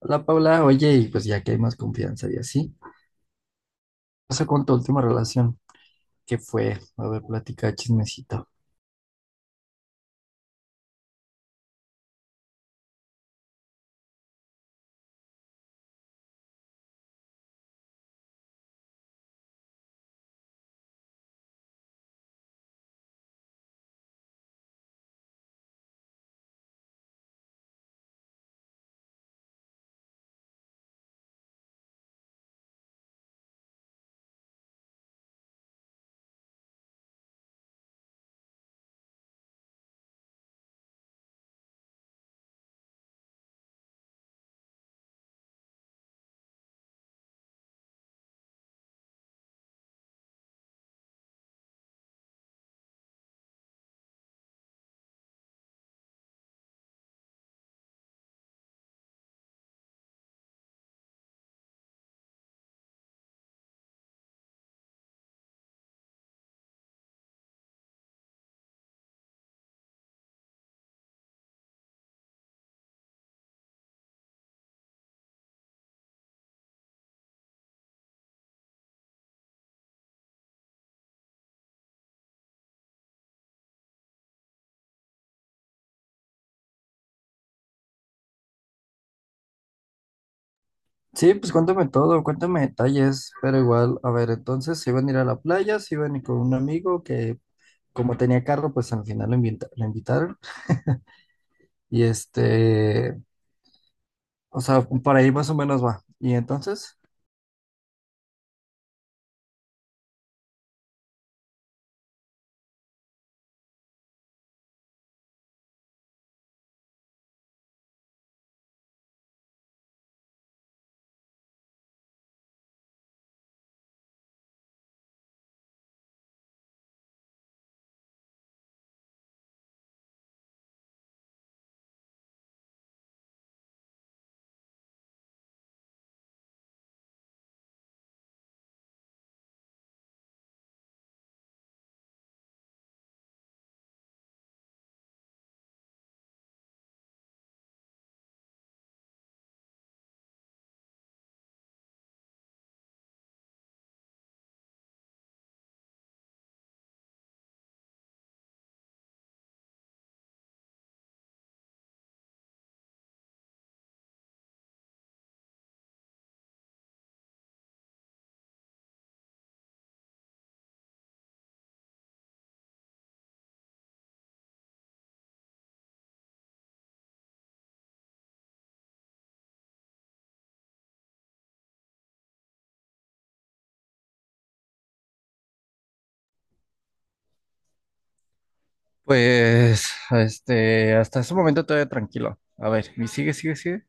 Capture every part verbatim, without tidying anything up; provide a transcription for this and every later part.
Hola Paula, oye, y pues ya que hay más confianza y así, ¿qué pasó con tu última relación? ¿Qué fue? A ver, platica chismecito. Sí, pues cuéntame todo, cuéntame detalles, pero igual, a ver, entonces se iban a ir a la playa, se iban a ir con un amigo que como tenía carro, pues al final lo invita- lo invitaron y este, o sea, por ahí más o menos va. Y entonces, pues, este, hasta ese momento todavía tranquilo. A ver, y sigue, sigue, sigue.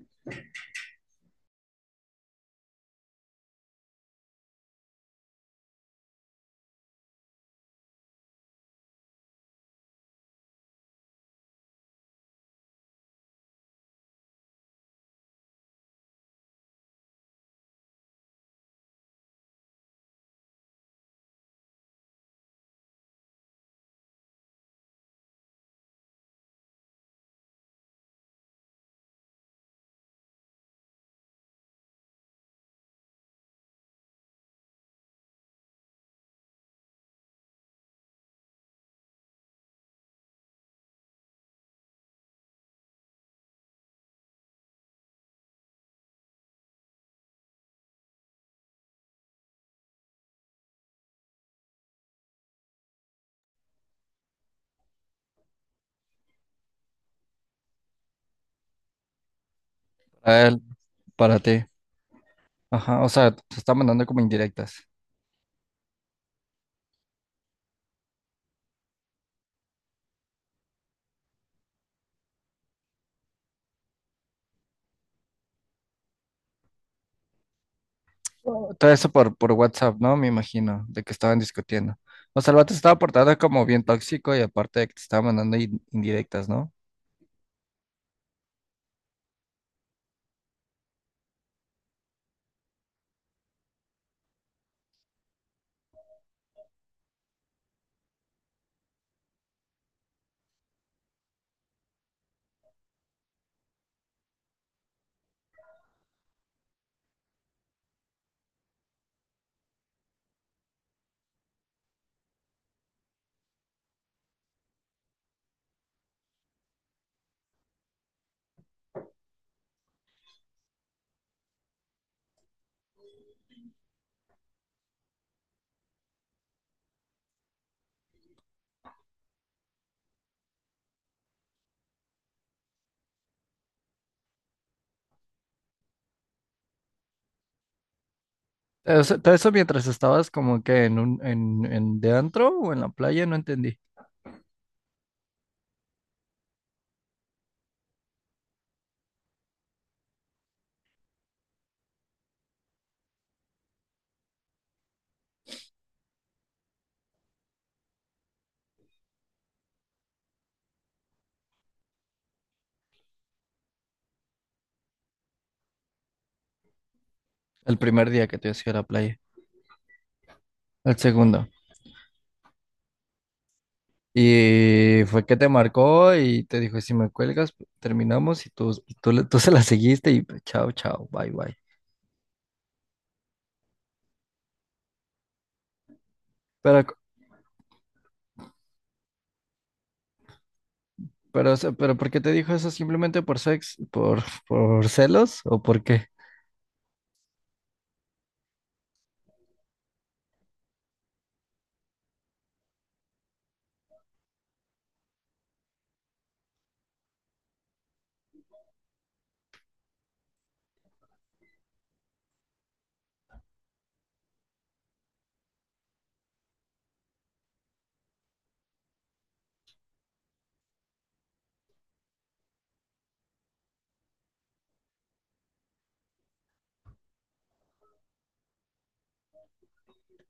A él, para ti. Ajá, o sea, te está mandando como indirectas. Todo eso por, por WhatsApp, ¿no? Me imagino, de que estaban discutiendo. O sea, el vato se estaba portando como bien tóxico y aparte de que te estaba mandando in- indirectas, ¿no? Eh, O sea, todo eso mientras estabas como que en un, en, en de antro o en la playa, no entendí. El primer día que te ibas a ir a la playa, el segundo. Y fue que te marcó y te dijo, si me cuelgas, terminamos y tú, tú, le- tú se la seguiste y chao, chao, bye, bye. Pero, pero, o sea, pero ¿por qué te dijo eso? ¿Simplemente por sex, por, por celos o por qué?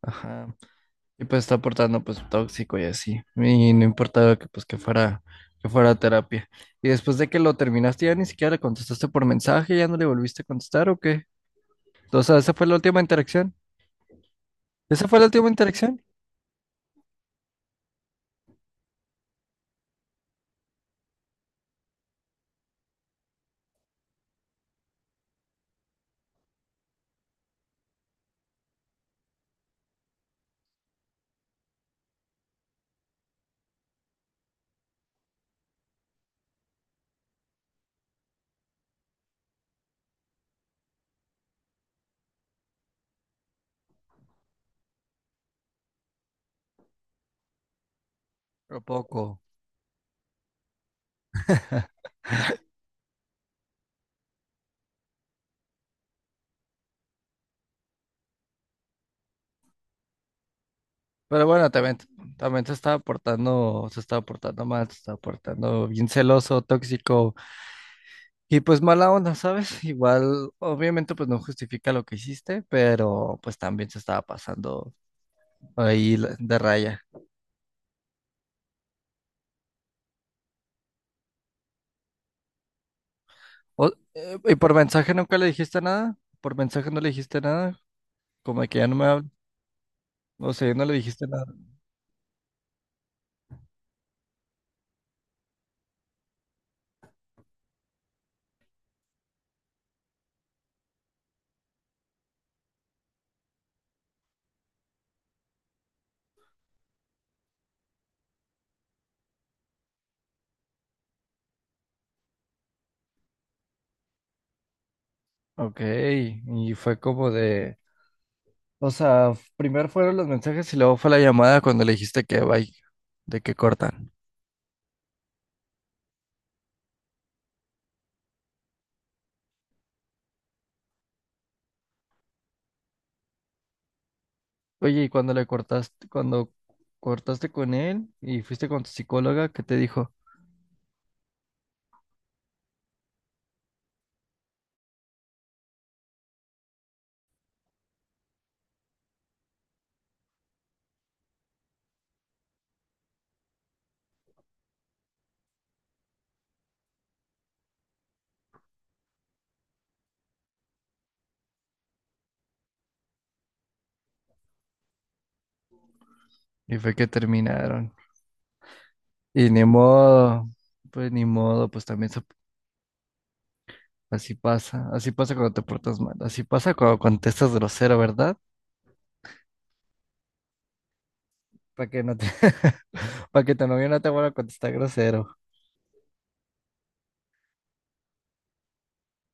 Ajá. Y pues está portando pues tóxico y así. Y no importaba que pues que fuera, que fuera a terapia. Y después de que lo terminaste, ya ni siquiera le contestaste por mensaje, ya no le volviste a contestar o qué. O sea, esa fue la última interacción. ¿Esa fue la última interacción? ¿A poco? Pero bueno, también, también se estaba portando, se estaba portando mal, se estaba portando bien celoso, tóxico y pues mala onda, ¿sabes? Igual, obviamente, pues no justifica lo que hiciste, pero pues también se estaba pasando ahí la- de raya. O- eh, ¿y por mensaje nunca le dijiste nada? ¿Por mensaje no le dijiste nada? Como que ya no me habla, o sea, ya no le dijiste nada. Ok, y fue como de, o sea, primero fueron los mensajes y luego fue la llamada cuando le dijiste que bye, de que cortan. Oye, y cuando le cortaste, cuando cortaste con él y fuiste con tu psicóloga, ¿qué te dijo? Y fue que terminaron. Y ni modo, pues ni modo, pues también se- así pasa, así pasa cuando te portas mal, así pasa cuando contestas grosero, ¿verdad? Para que no te, para que tu novio no te vuelva a contestar grosero.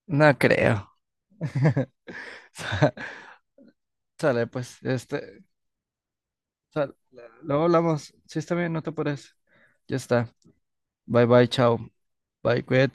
No creo. Sa- Sale, pues, este, sal- luego hablamos. Sí, está bien, no te apures. Ya está. Bye, bye, chao. Bye, cuídate.